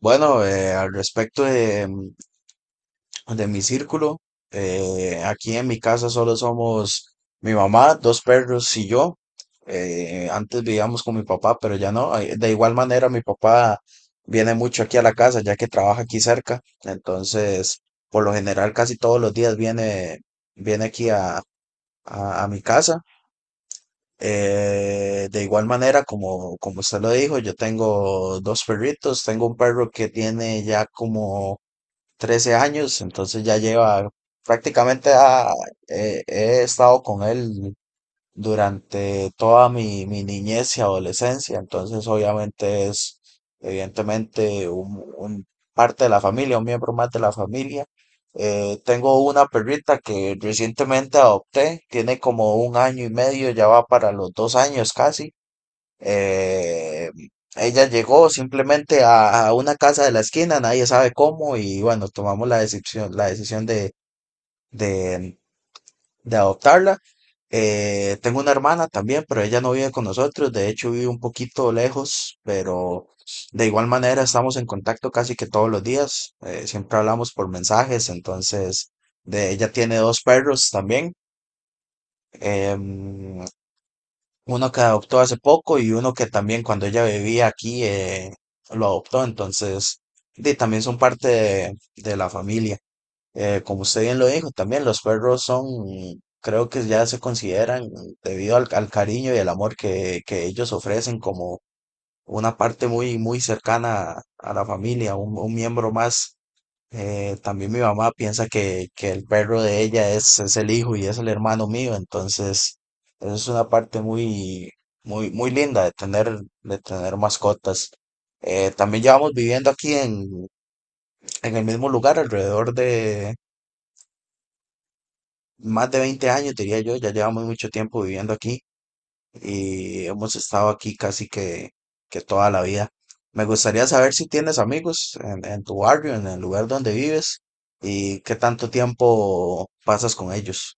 Bueno, al respecto de mi círculo, aquí en mi casa solo somos mi mamá, dos perros y yo. Antes vivíamos con mi papá, pero ya no. De igual manera, mi papá viene mucho aquí a la casa, ya que trabaja aquí cerca. Entonces, por lo general, casi todos los días viene, viene aquí a, a mi casa. De igual manera, como usted lo dijo, yo tengo dos perritos. Tengo un perro que tiene ya como 13 años, entonces ya lleva prácticamente ha- he estado con él durante toda mi niñez y adolescencia, entonces obviamente es evidentemente un parte de la familia, un miembro más de la familia. Tengo una perrita que recientemente adopté, tiene como un año y medio, ya va para los dos años casi. Eh, ella llegó simplemente a una casa de la esquina, nadie sabe cómo, y bueno, tomamos la decisión, de, de adoptarla. Tengo una hermana también, pero ella no vive con nosotros, de hecho vive un poquito lejos, pero de igual manera estamos en contacto casi que todos los días, siempre hablamos por mensajes, entonces de ella tiene dos perros también. em, Uno que adoptó hace poco y uno que también cuando ella vivía aquí lo adoptó, entonces de, también son parte de la familia. Como usted bien lo dijo, también los perros son, creo que ya se consideran, debido al cariño y el amor que ellos ofrecen, como una parte muy, muy cercana a la familia, un miembro más. También mi mamá piensa que el perro de ella es el hijo y es el hermano mío, entonces eso es una parte muy, muy, muy linda de tener mascotas. También llevamos viviendo en el mismo lugar alrededor de más de 20 años, diría yo, ya llevamos mucho tiempo viviendo aquí. Y hemos estado aquí que toda la vida. Me gustaría saber si tienes amigos en tu barrio, en el lugar donde vives y qué tanto tiempo pasas con ellos.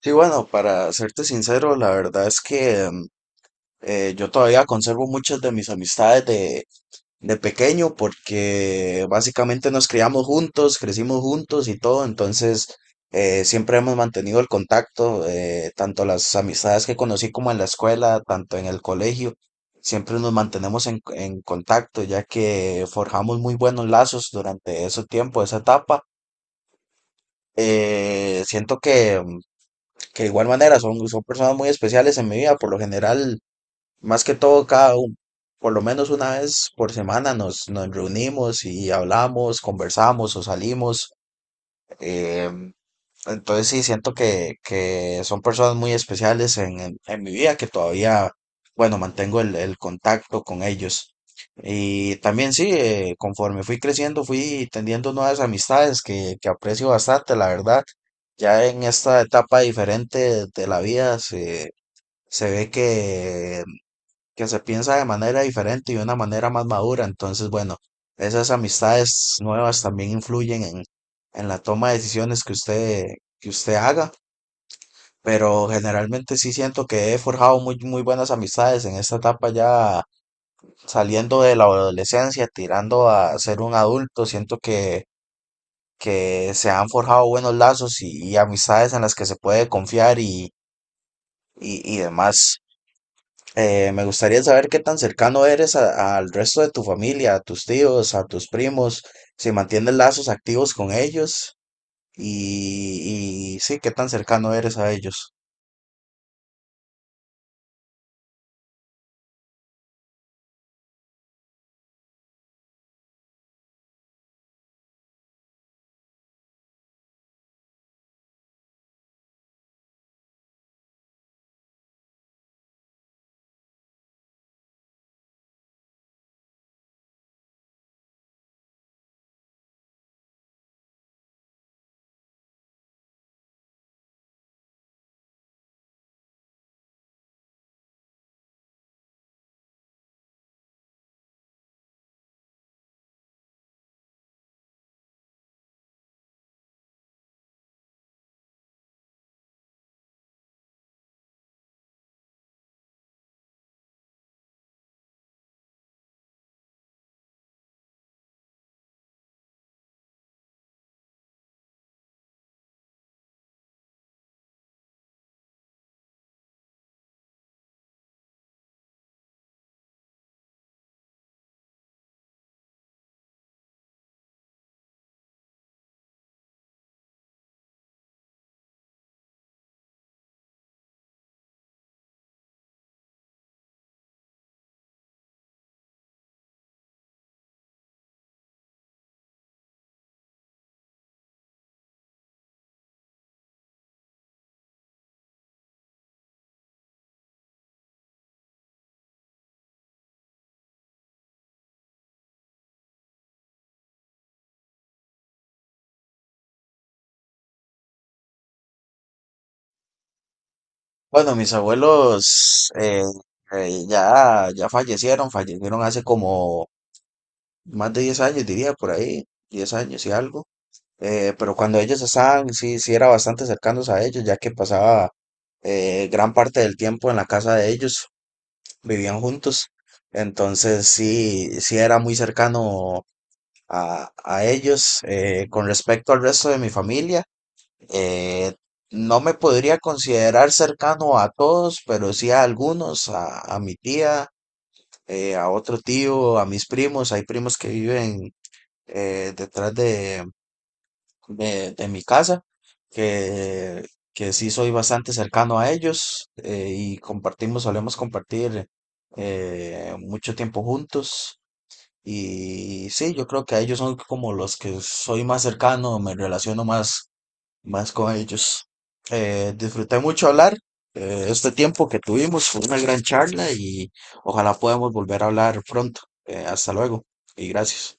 Sí, bueno, para serte sincero, la verdad es que yo todavía conservo muchas de mis amistades de pequeño porque básicamente nos criamos juntos, crecimos juntos y todo, entonces siempre hemos mantenido el contacto, tanto las amistades que conocí como en la escuela, tanto en el colegio, siempre nos mantenemos en contacto ya que forjamos muy buenos lazos durante ese tiempo, esa etapa. Siento que de igual manera son, son personas muy especiales en mi vida, por lo general más que todo, cada uno, por lo menos una vez por semana nos reunimos y hablamos, conversamos o salimos. em, entonces sí, siento que son personas muy especiales en mi vida que todavía, bueno, mantengo el contacto con ellos. Y también sí, conforme fui creciendo, fui tendiendo nuevas amistades que aprecio bastante, la verdad. Ya en esta etapa diferente de la vida se ve que se piensa de manera diferente y de una manera más madura. Entonces, bueno, esas amistades nuevas también influyen en la toma de decisiones que usted haga. Pero generalmente sí siento que he forjado muy, muy buenas amistades en esta etapa ya saliendo de la adolescencia, tirando a ser un adulto. Siento que se han forjado buenos lazos y amistades en las que se puede confiar y demás. Me gustaría saber qué tan cercano eres al resto de tu familia, a tus tíos, a tus primos, si mantienes lazos activos con ellos y sí, qué tan cercano eres a ellos. Bueno, mis abuelos ya fallecieron, fallecieron hace como más de 10 años, diría por ahí, 10 años y algo. Pero cuando ellos estaban, sí era bastante cercanos a ellos, ya que pasaba gran parte del tiempo en la casa de ellos. Vivían juntos. Entonces sí era muy cercano a ellos. Con respecto al resto de mi familia, eh, no me podría considerar cercano a todos, pero sí a algunos, a mi tía, a otro tío, a mis primos. Hay primos que viven eh, detrás de, de mi casa, que, que sí soy bastante cercano a ellos y solemos compartir mucho tiempo juntos. Y sí, yo creo que a ellos son como los que soy más cercano, me relaciono más, más con ellos. Disfruté mucho hablar este tiempo que tuvimos, fue una gran charla y ojalá podamos volver a hablar pronto. Hasta luego y gracias.